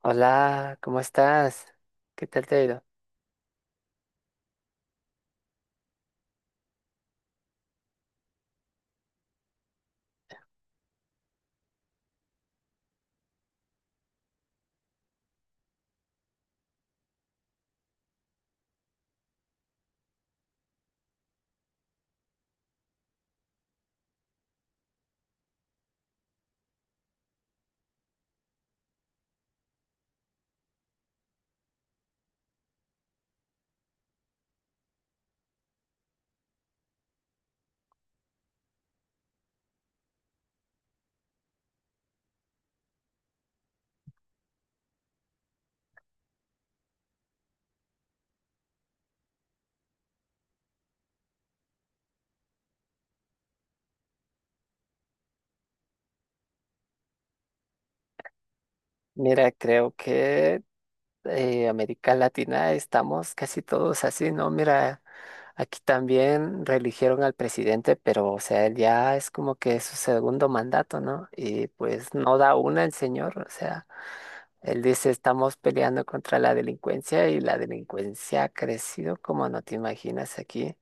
Hola, ¿cómo estás? ¿Qué tal te ha ido? Mira, creo que América Latina estamos casi todos así, ¿no? Mira, aquí también reeligieron al presidente, pero o sea, él ya es como que su segundo mandato, ¿no? Y pues no da una el señor, o sea, él dice estamos peleando contra la delincuencia y la delincuencia ha crecido como no te imaginas aquí.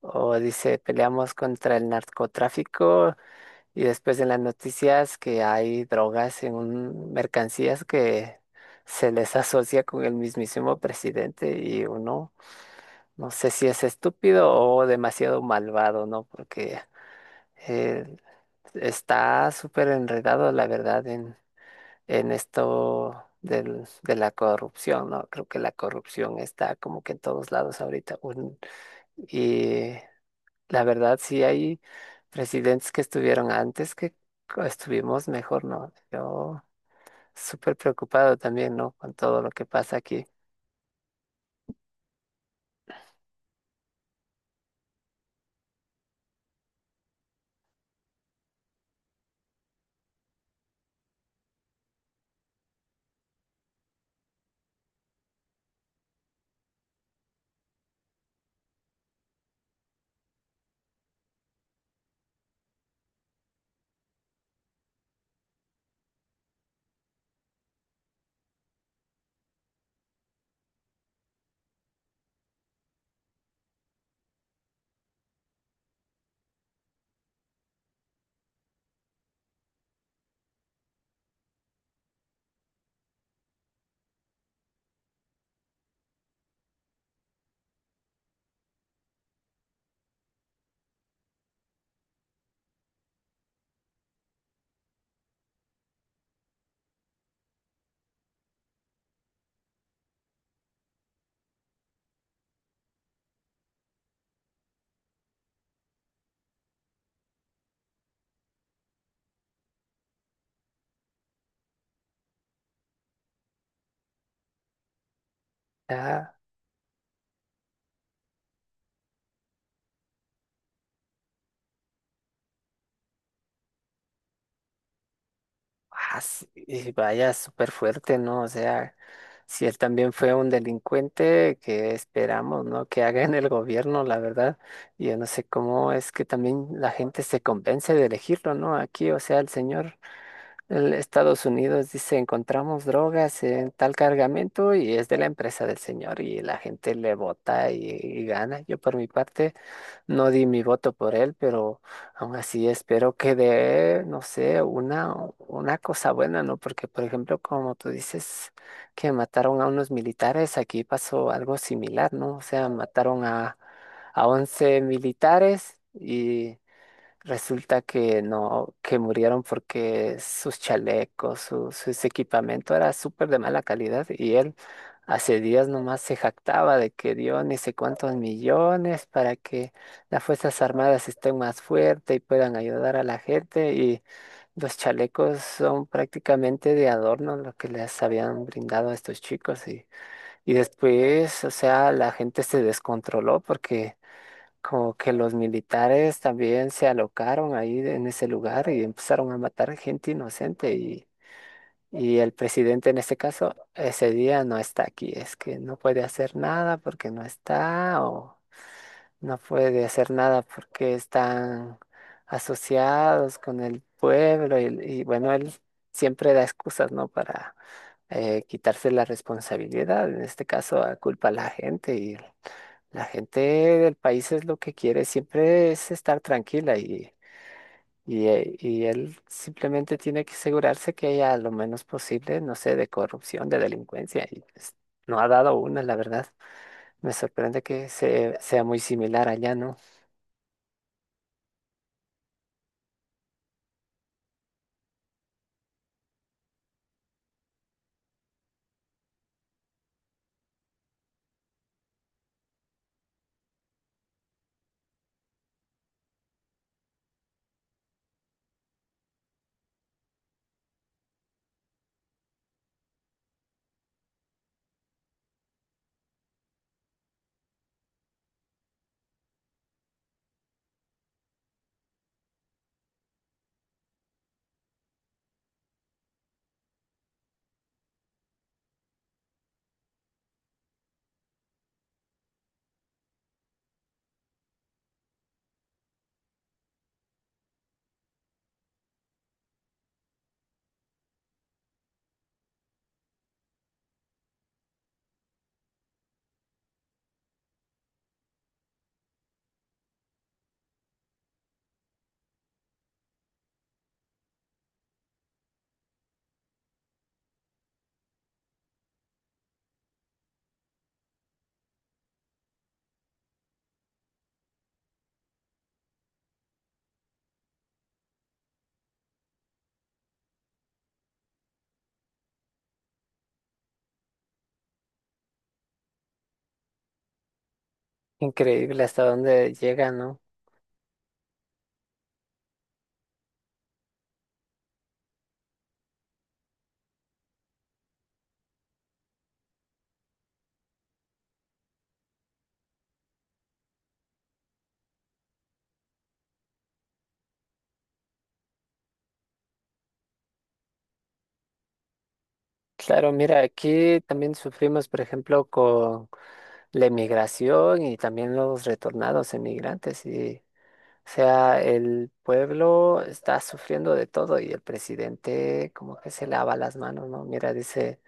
O dice peleamos contra el narcotráfico. Y después en las noticias que hay drogas en mercancías que se les asocia con el mismísimo presidente y uno no sé si es estúpido o demasiado malvado, ¿no? Porque eh, está súper enredado, la verdad, en esto de la corrupción, ¿no? Creo que la corrupción está como que en todos lados ahorita. Y la verdad, sí hay presidentes que estuvieron antes que estuvimos mejor, ¿no? Yo súper preocupado también, ¿no? Con todo lo que pasa aquí. Ya, ah, sí, y vaya súper fuerte, ¿no? O sea, si él también fue un delincuente, que esperamos, ¿no? Que haga en el gobierno, la verdad. Yo no sé cómo es que también la gente se convence de elegirlo, ¿no? Aquí, o sea, el señor. El Estados Unidos dice, encontramos drogas en tal cargamento y es de la empresa del señor y la gente le vota y gana. Yo por mi parte no di mi voto por él, pero aún así espero que dé, no sé, una cosa buena, ¿no? Porque, por ejemplo, como tú dices que mataron a unos militares, aquí pasó algo similar, ¿no? O sea, mataron a 11 militares. Y resulta que no, que murieron porque sus chalecos, sus equipamiento era súper de mala calidad y él hace días nomás se jactaba de que dio ni sé cuántos millones para que las Fuerzas Armadas estén más fuertes y puedan ayudar a la gente y los chalecos son prácticamente de adorno lo que les habían brindado a estos chicos y después, o sea, la gente se descontroló porque como que los militares también se alocaron ahí en ese lugar y empezaron a matar gente inocente y el presidente en este caso ese día no está aquí, es que no puede hacer nada porque no está o no puede hacer nada porque están asociados con el pueblo y bueno, él siempre da excusas, ¿no? Para quitarse la responsabilidad, en este caso culpa a la gente. La gente del país es lo que quiere, siempre es estar tranquila y él simplemente tiene que asegurarse que haya lo menos posible, no sé, de corrupción, de delincuencia. Y pues, no ha dado una, la verdad. Me sorprende que sea muy similar allá, ¿no? Increíble hasta dónde llega, ¿no? Claro, mira, aquí también sufrimos, por ejemplo, con la emigración y también los retornados emigrantes y o sea, el pueblo está sufriendo de todo y el presidente como que se lava las manos, ¿no? Mira, dice,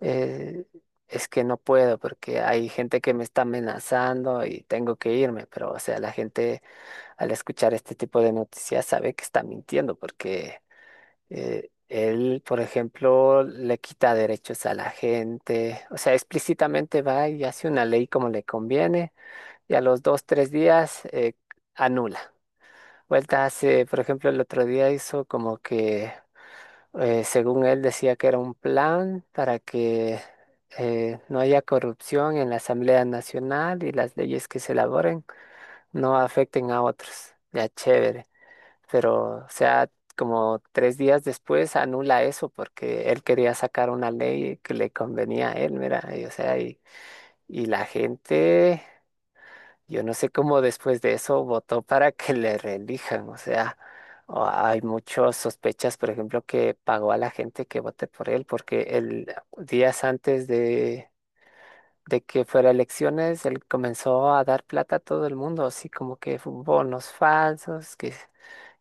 eh, es que no puedo porque hay gente que me está amenazando y tengo que irme, pero o sea, la gente al escuchar este tipo de noticias sabe que está mintiendo porque él, por ejemplo, le quita derechos a la gente, o sea, explícitamente va y hace una ley como le conviene y a los 2, 3 días anula. Vuelta hace, por ejemplo, el otro día hizo como que, según él decía que era un plan para que no haya corrupción en la Asamblea Nacional y las leyes que se elaboren no afecten a otros. Ya chévere. Pero, o sea, como 3 días después anula eso porque él quería sacar una ley que le convenía a él, mira, y, o sea, y la gente. Yo no sé cómo después de eso votó para que le reelijan. O sea, hay muchas sospechas, por ejemplo, que pagó a la gente que vote por él, porque el días antes de que fuera elecciones, él comenzó a dar plata a todo el mundo, así como que bonos falsos, que,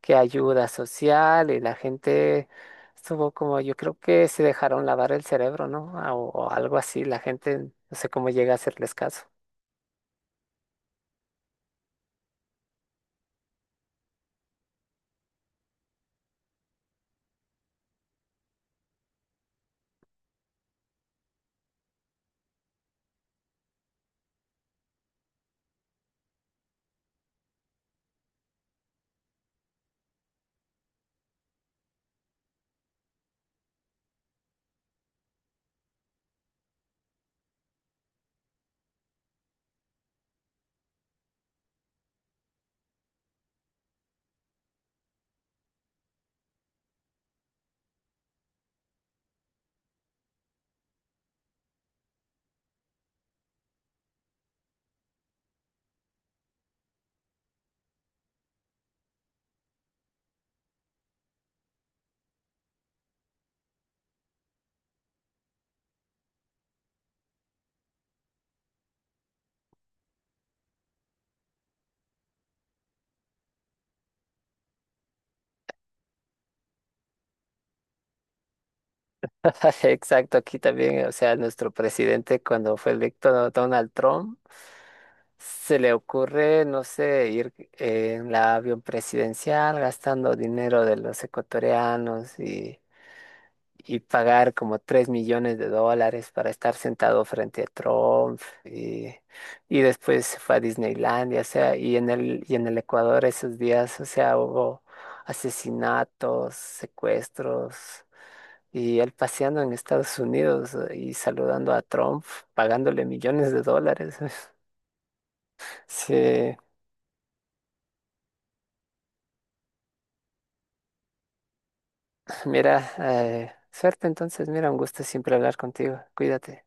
que ayuda social, y la gente estuvo como, yo creo que se dejaron lavar el cerebro, ¿no? O algo así, la gente, no sé cómo llega a hacerles caso. Exacto, aquí también, o sea, nuestro presidente cuando fue electo Donald Trump, se le ocurre, no sé, ir en la avión presidencial gastando dinero de los ecuatorianos y pagar como 3 millones de dólares para estar sentado frente a Trump y después se fue a Disneylandia, o sea, y en el Ecuador esos días, o sea, hubo asesinatos, secuestros y él paseando en Estados Unidos y saludando a Trump, pagándole millones de dólares. Sí, mira, suerte entonces, mira, un gusto siempre hablar contigo, cuídate.